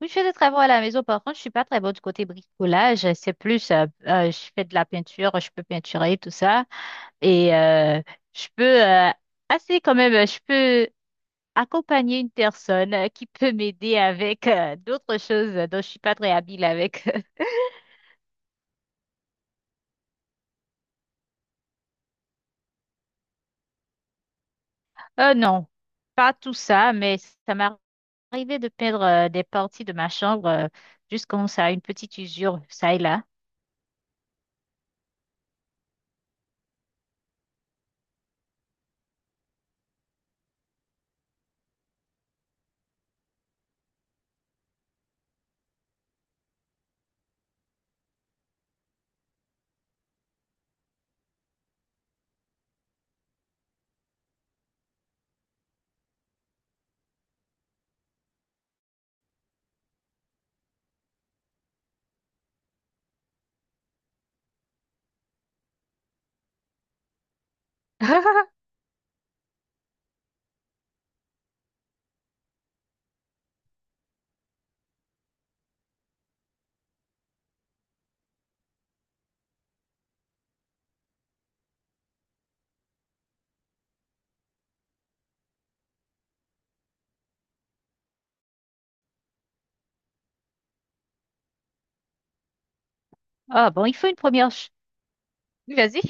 Oui, je fais des travaux à la maison. Par contre, je suis pas très bonne du côté bricolage. C'est plus, je fais de la peinture, je peux peinturer tout ça. Et je peux, assez quand même, je peux accompagner une personne qui peut m'aider avec d'autres choses dont je suis pas très habile avec. Non, pas tout ça, mais ça m'est arrivé de peindre des parties de ma chambre juste quand ça a une petite usure, ça et là. Ah bon, il faut une première... Oui, vas-y.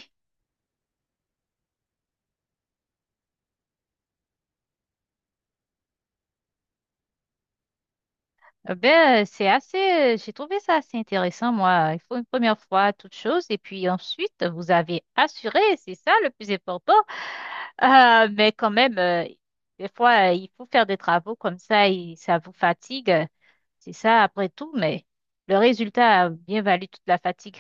Eh ben, c'est assez, j'ai trouvé ça assez intéressant, moi. Il faut une première fois toute chose, et puis ensuite, vous avez assuré, c'est ça le plus important. Mais quand même, des fois, il faut faire des travaux comme ça, et ça vous fatigue, c'est ça après tout, mais le résultat a bien valu toute la fatigue.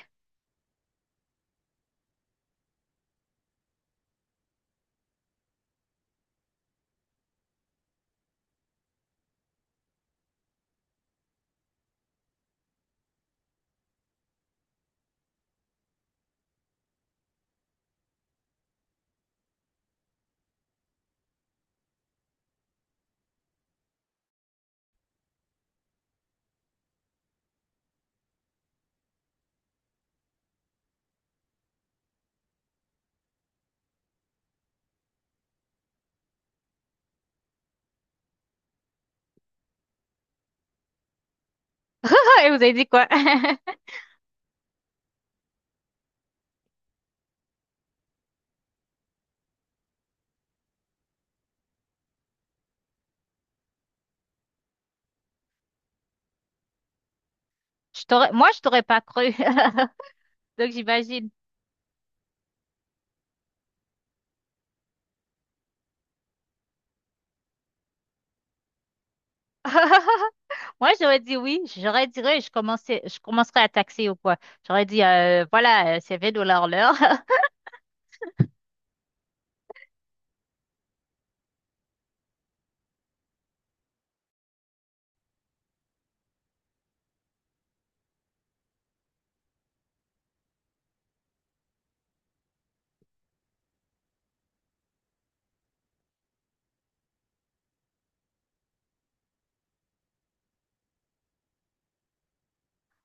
Et vous avez dit quoi? Je t'aurais, moi, je t'aurais pas cru, donc j'imagine. Moi, j'aurais dit oui. J'aurais dit oui. Je commençais, je commencerai à taxer ou quoi. J'aurais dit, voilà, c'est 20 dollars l'heure.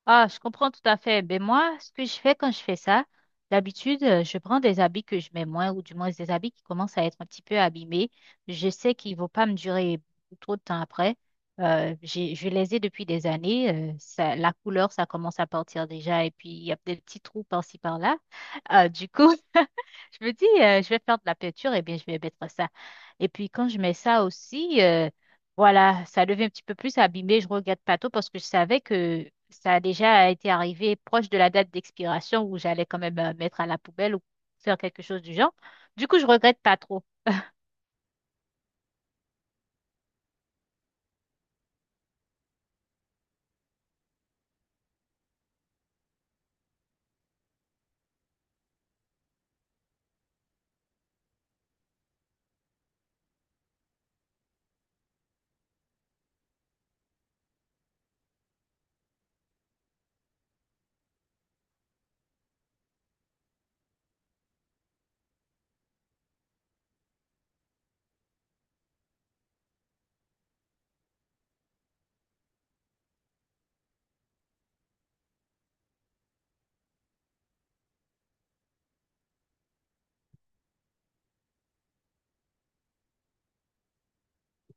Ah, je comprends tout à fait. Ben moi, ce que je fais quand je fais ça, d'habitude, je prends des habits que je mets moins, ou du moins des habits qui commencent à être un petit peu abîmés. Je sais qu'ils vont pas me durer trop de temps après. Je les ai depuis des années. Ça, la couleur, ça commence à partir déjà, et puis il y a des petits trous par-ci par-là. Du coup, je me dis, je vais faire de la peinture, et bien je vais mettre ça. Et puis quand je mets ça aussi, voilà, ça devient un petit peu plus abîmé. Je regrette pas trop parce que je savais que ça a déjà été arrivé proche de la date d'expiration où j'allais quand même mettre à la poubelle ou faire quelque chose du genre. Du coup, je regrette pas trop.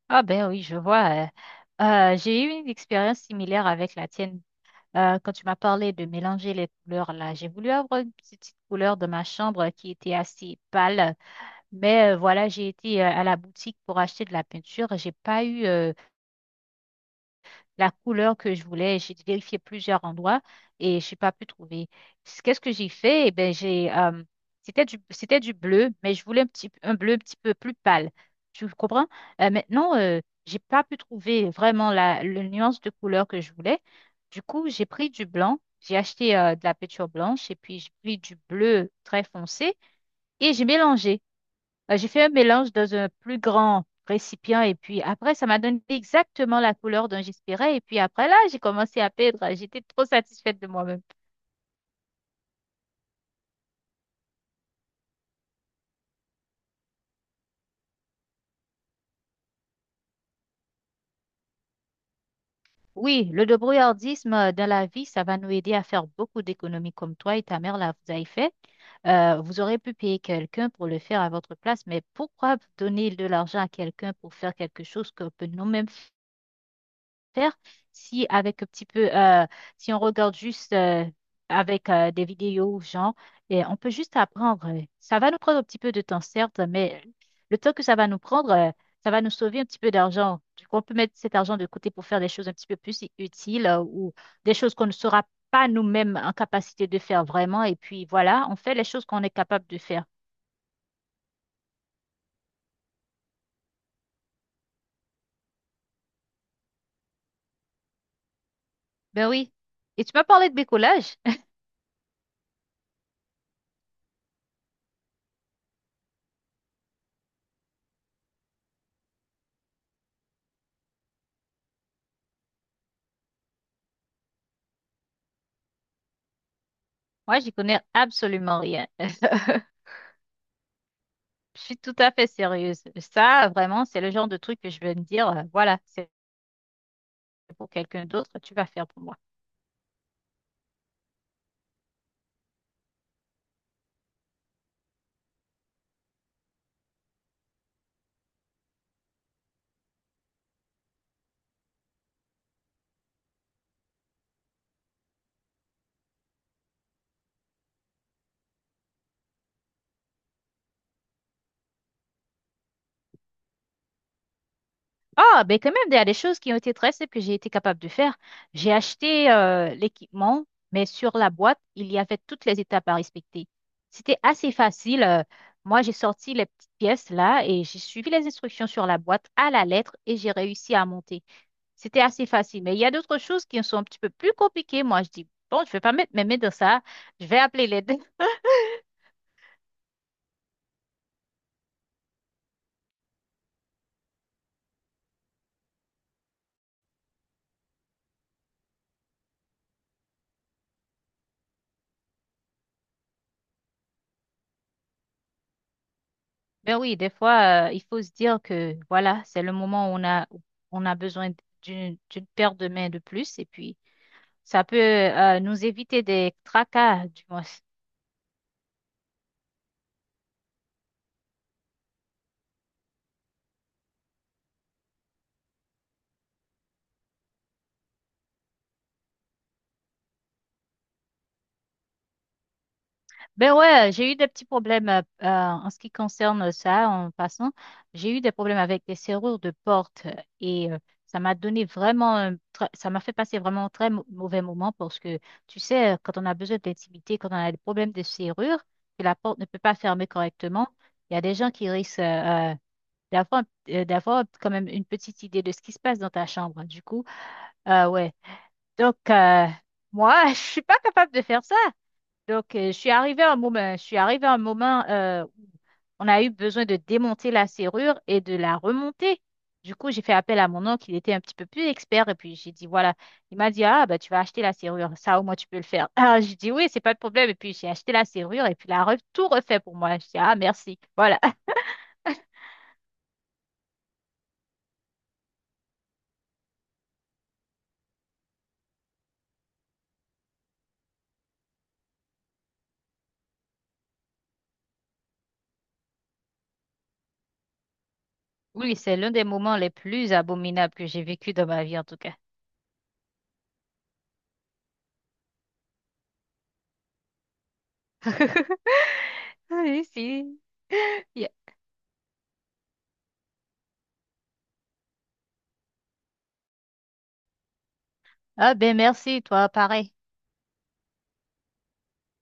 Ah ben oui, je vois. J'ai eu une expérience similaire avec la tienne. Quand tu m'as parlé de mélanger les couleurs là, j'ai voulu avoir une petite couleur de ma chambre qui était assez pâle, mais voilà, j'ai été à la boutique pour acheter de la peinture. J'ai pas eu la couleur que je voulais. J'ai vérifié plusieurs endroits et je n'ai pas pu trouver. Qu'est-ce que j'ai fait? Eh ben, c'était c'était du bleu, mais je voulais un bleu un petit peu plus pâle. Tu comprends? Euh, maintenant, euh, j'ai pas pu trouver vraiment le nuance de couleur que je voulais. Du coup, j'ai pris du blanc. J'ai acheté de la peinture blanche et puis j'ai pris du bleu très foncé et j'ai mélangé. J'ai fait un mélange dans un plus grand récipient et puis après, ça m'a donné exactement la couleur dont j'espérais. Et puis après, là, j'ai commencé à peindre. J'étais trop satisfaite de moi-même. Oui, le débrouillardisme dans la vie, ça va nous aider à faire beaucoup d'économies comme toi et ta mère, là, vous avez fait. Vous aurez pu payer quelqu'un pour le faire à votre place, mais pourquoi donner de l'argent à quelqu'un pour faire quelque chose que peut nous-mêmes faire si avec un petit peu, si on regarde juste avec des vidéos, genre, et on peut juste apprendre. Ça va nous prendre un petit peu de temps, certes, mais le temps que ça va nous prendre, ça va nous sauver un petit peu d'argent. Du coup, on peut mettre cet argent de côté pour faire des choses un petit peu plus utiles ou des choses qu'on ne sera pas nous-mêmes en capacité de faire vraiment. Et puis voilà, on fait les choses qu'on est capable de faire. Ben oui. Et tu m'as parlé de bricolage? Moi, j'y connais absolument rien. Je suis tout à fait sérieuse. Ça, vraiment, c'est le genre de truc que je vais me dire, voilà, c'est pour quelqu'un d'autre, tu vas faire pour moi. Ah, ben quand même, il y a des choses qui ont été très simples que j'ai été capable de faire. J'ai acheté l'équipement, mais sur la boîte, il y avait toutes les étapes à respecter. C'était assez facile. Moi, j'ai sorti les petites pièces là et j'ai suivi les instructions sur la boîte à la lettre et j'ai réussi à monter. C'était assez facile. Mais il y a d'autres choses qui sont un petit peu plus compliquées. Moi, je dis, bon, je vais pas mettre mes mains dans ça. Je vais appeler l'aide. Ben oui, des fois, il faut se dire que voilà, c'est le moment où on a besoin d'une paire de mains de plus et puis ça peut nous éviter des tracas, du moins. Ben ouais, j'ai eu des petits problèmes en ce qui concerne ça, en passant. J'ai eu des problèmes avec des serrures de porte et ça m'a donné vraiment, ça m'a fait passer vraiment un très mauvais moment parce que, tu sais, quand on a besoin d'intimité, quand on a des problèmes de serrure, que la porte ne peut pas fermer correctement, il y a des gens qui risquent d'avoir d'avoir quand même une petite idée de ce qui se passe dans ta chambre. Du coup, ouais. Donc, moi, je suis pas capable de faire ça. Donc, je suis arrivée à un moment, je suis arrivée à un moment où on a eu besoin de démonter la serrure et de la remonter. Du coup, j'ai fait appel à mon oncle, il était un petit peu plus expert, et puis j'ai dit, voilà, il m'a dit, ah, bah, tu vas acheter la serrure, ça, au moins, tu peux le faire. Ah, j'ai dit, oui, c'est pas de problème, et puis j'ai acheté la serrure, et puis il a tout refait pour moi. Je dis, ah, merci. Voilà. Oui, c'est l'un des moments les plus abominables que j'ai vécu dans ma vie, en tout cas. Ah, oui, si. Yeah. Ah, ben, merci, toi, pareil.